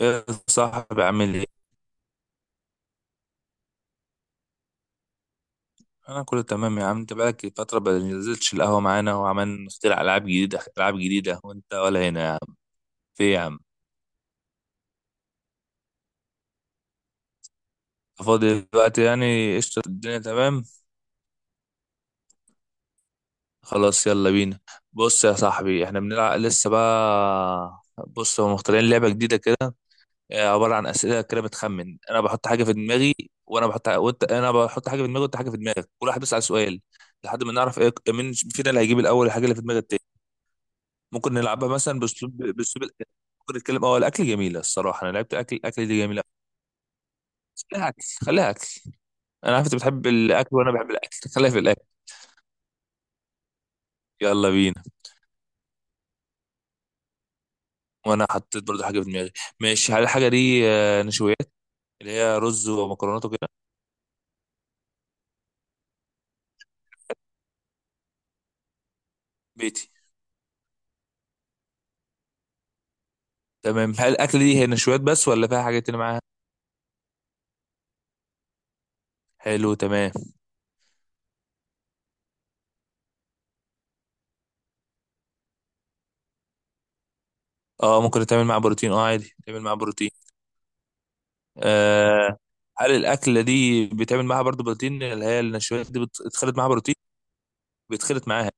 يا صاحبي، عامل ايه؟ انا كله تمام يا عم. انت بقالك فترة ما نزلتش القهوة معانا، وعمال نخترع العاب جديدة، العاب جديدة، وانت ولا هنا يا عم. في إيه يا عم؟ فاضي دلوقتي، يعني قشطة، الدنيا تمام. خلاص، يلا بينا. بص يا صاحبي، احنا بنلعب لسه بقى. بص، هم مخترعين لعبة جديدة كده. عبارة عن أسئلة كده بتخمن. انا بحط حاجة في دماغي، وانا بحط وانت انا بحط حاجة في دماغي وانت حاجة في دماغك، كل واحد بيسأل سؤال لحد ما نعرف ايه، مين فينا اللي هيجيب الاول الحاجة اللي في دماغ التاني. ممكن نلعبها مثلا باسلوب الأكل. ممكن نتكلم، اه الاكل جميله الصراحه، انا لعبت اكل اكل دي جميله. خليها اكل، خليها اكل. انا عارف انت بتحب الاكل وانا بحب الاكل، خليها في الاكل. يلا بينا. وانا حطيت برضو حاجه في دماغي. ماشي، هل الحاجه دي نشويات، اللي هي رز ومكرونات وكده؟ بيتي. تمام، هل الاكل دي هي نشويات بس ولا فيها حاجات تانية معاها؟ حلو، تمام. اه ممكن تعمل معاها بروتين، اه عادي تعمل معاها بروتين. آه. هل الاكله دي بيتعمل معاها برضو بروتين، اللي هي النشويات دي بتخلط معاها بروتين؟ بيتخلط معاها.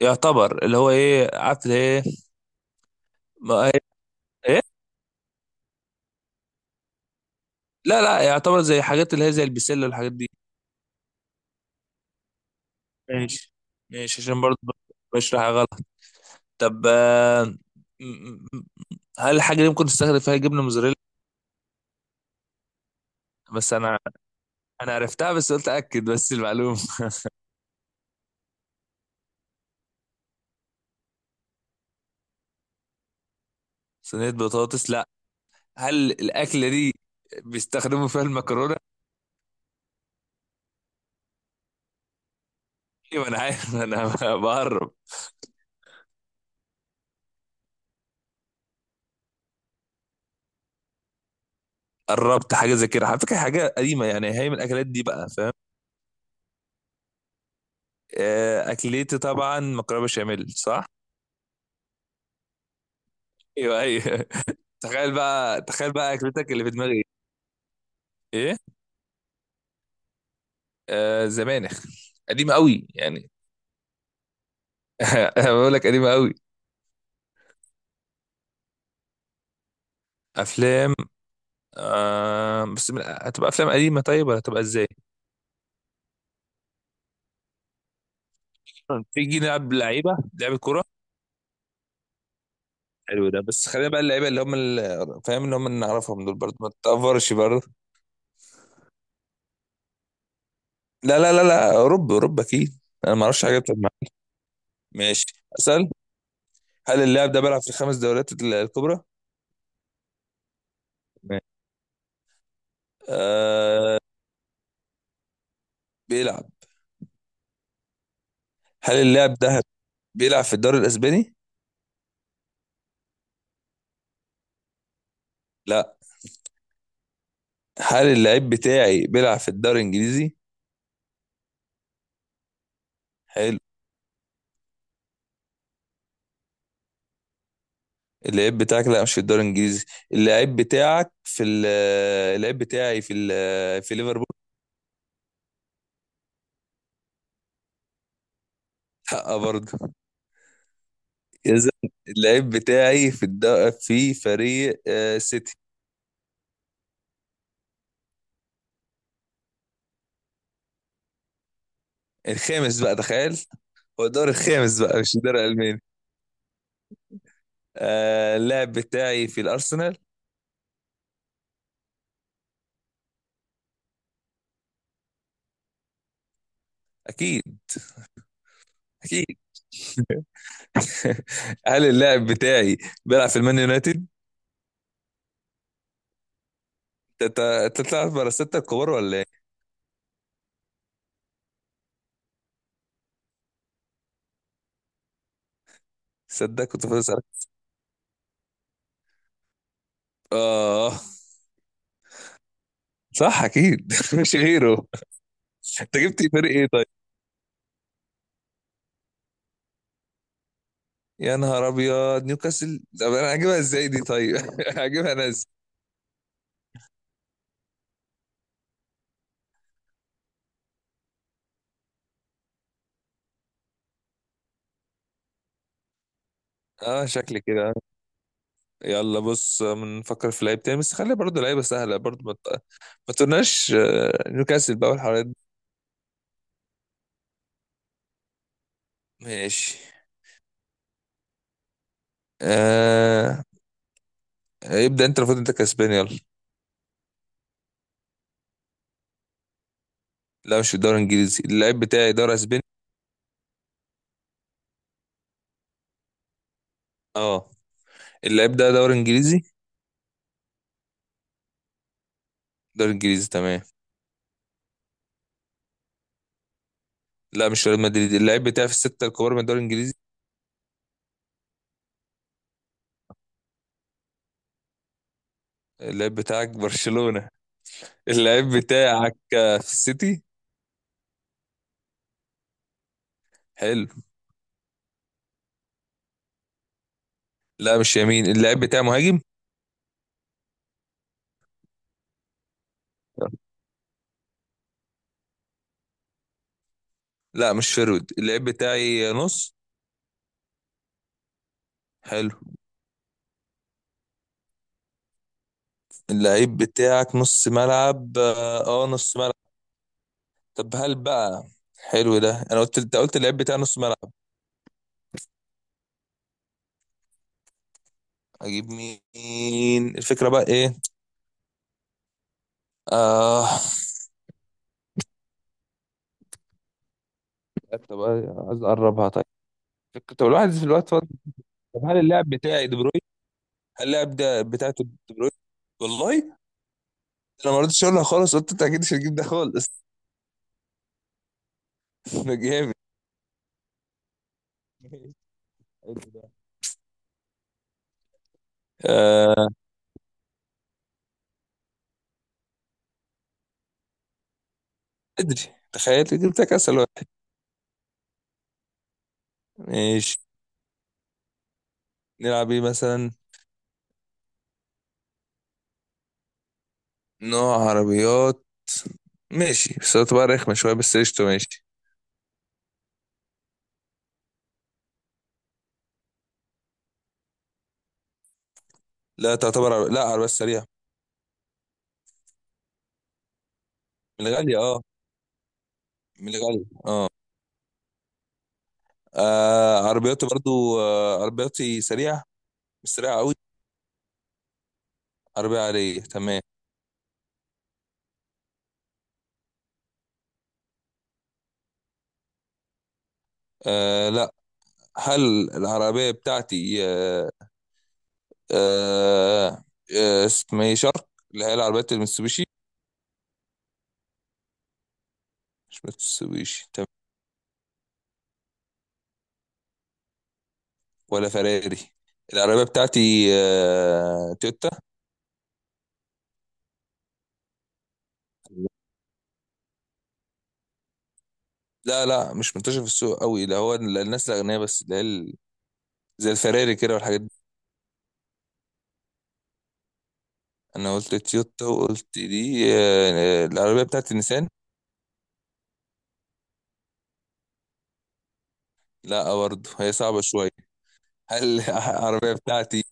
يعتبر اللي هو ايه، عارف اللي ايه. ما هي. ايه. لا لا، يعتبر زي حاجات اللي هي زي البسله والحاجات دي. ماشي. ماشي، عشان برضه بشرح غلط. طب، م- م- هل الحاجه دي ممكن تستخدم فيها جبنه موزاريلا؟ بس انا انا عرفتها، بس قلت اكد بس المعلومه. صينيه بطاطس، لا. هل الاكله دي بيستخدموا فيها المكرونه؟ ايوه انا عارف، انا بقرب. قربت، حاجه زي كده على فكره، حاجه قديمه يعني، هي من الاكلات دي بقى، فاهم. اكلتي طبعا مكرونه بشاميل، صح؟ ايوه، ايوه. تخيل بقى، تخيل بقى اكلتك اللي في دماغي. ايه. زمانخ، قديمه قوي يعني. انا بقول لك قديمه قوي. افلام. هتبقى افلام قديمه طيب، ولا هتبقى ازاي؟ تيجي نلعب لعيبه، لعبه كوره. حلو ده، بس خلينا بقى اللعيبه اللي هم فاهم، اللي هم اللي نعرفهم دول برضه، ما تتأفرش برضه. لا لا لا لا، اوروبا اوروبا اكيد. انا ما اعرفش حاجه بتجمع. ماشي. اسال. هل اللاعب ده بيلعب في الخمس دوريات الكبرى؟ ماشي. آه، بيلعب. هل اللاعب ده بيلعب في الدوري الاسباني؟ لا. هل اللعيب بتاعي بيلعب في الدوري الانجليزي؟ حلو. اللعيب بتاعك، لا، مش في الدوري الانجليزي. اللعيب بتاعك في ال- اللعيب بتاعي في في ليفربول. لا برضه. اذا، اللعيب بتاعي في الد... في فريق سيتي. الخامس بقى، تخيل. هو الدوري الخامس بقى، مش الدوري الالماني. اللاعب بتاعي في الارسنال. اكيد. اكيد. هل اللاعب بتاعي بيلعب في المان يونايتد؟ تطلع بره الستة الكبار ولا إيه؟ صدق كنت فاضي اسالك. اه. صح اكيد. مش غيره. انت جبت فريق ايه طيب؟ يا نهار ابيض، نيوكاسل! طب انا هجيبها ازاي دي طيب، هجيبها انا ازاي؟ اه، شكلي كده. يلا بص، بنفكر في لعيب تاني، بس خلي برضه لعيبه سهله برضه، ما تقولناش نيوكاسل بقى والحوارات دي. ماشي. آه. ابدا انت، المفروض انت كسبان، يلا. لا مش في الدوري الانجليزي، اللعيب بتاعي دوري اسباني. اه. اللعيب ده دوري انجليزي. دوري انجليزي، تمام. لا مش ريال مدريد، اللعيب بتاعي في الستة الكبار من الدوري الانجليزي. اللعيب بتاعك برشلونة. اللعيب بتاعك في السيتي. حلو. لا مش يمين، اللعيب بتاعي مهاجم. لا مش فرود، اللعيب بتاعي نص. حلو. اللعيب بتاعك نص ملعب، اه، نص ملعب. طب هل بقى؟ حلو ده، انا قلت، انت قلت اللعيب بتاعي نص ملعب. اجيب مين، الفكرة بقى ايه؟ اه. طب عايز اقربها طيب. طب الواحد في الوقت فاضي. طب هل اللاعب بتاعي دي بروين؟ هل اللاعب ده بتاعته دي بروين؟ والله. انا ما رضيتش اقولها خالص، قلت انت اكيد مش هتجيب ده خالص. ده جامد. ماشي. حلو ده. آه. ادري. تخيل جبتك اسهل واحد. ماشي. نلعب ايه مثلا؟ نوع عربيات. ماشي، بس تعتبر رخمة شوية، بس قشطة، ماشي. لا لا، عربيات سريعة. من الغالية، اه. من الغالية. عربياتي برضو، عربياتي سريعة. مش سريعة قوي، عربية عادية، تمام. لا. هل العربية بتاعتي آه، آه آه اسمه إيه، شارك، اللي هي العربيات المتسوبيشي؟ مش متسوبيشي، تمام. ولا فراري. العربية بتاعتي تويوتا. لا لا، مش منتشر في السوق قوي ده، هو الناس الأغنياء بس، اللي هي زي الفراري كده والحاجات دي. أنا قلت تويوتا، وقلت دي، العربية بتاعتي نيسان. لا برضه، هي صعبة شوية. هل العربية بتاعتي؟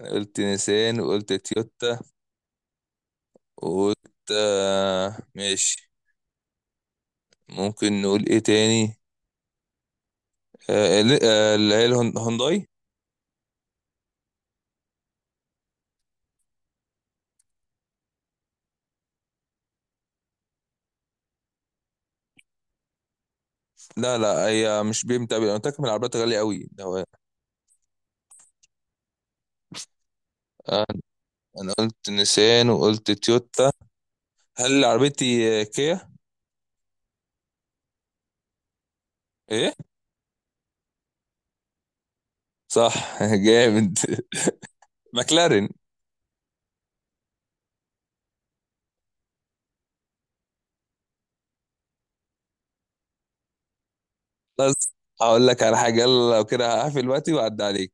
أنا قلت نيسان، وقلت تويوتا، وقلت ماشي. ممكن نقول ايه تاني؟ اللي هي هونداي. لا لا، هي مش BMW، انا متاكد من العربيات غاليه قوي ده. آه، انا قلت نيسان وقلت تويوتا. هل عربيتي كيا؟ ايه. صح. جامد. ماكلارين. بس هقول لك على حاجه، يلا لو كده هقفل دلوقتي واعدي عليك.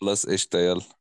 خلاص، قشطه، يلا.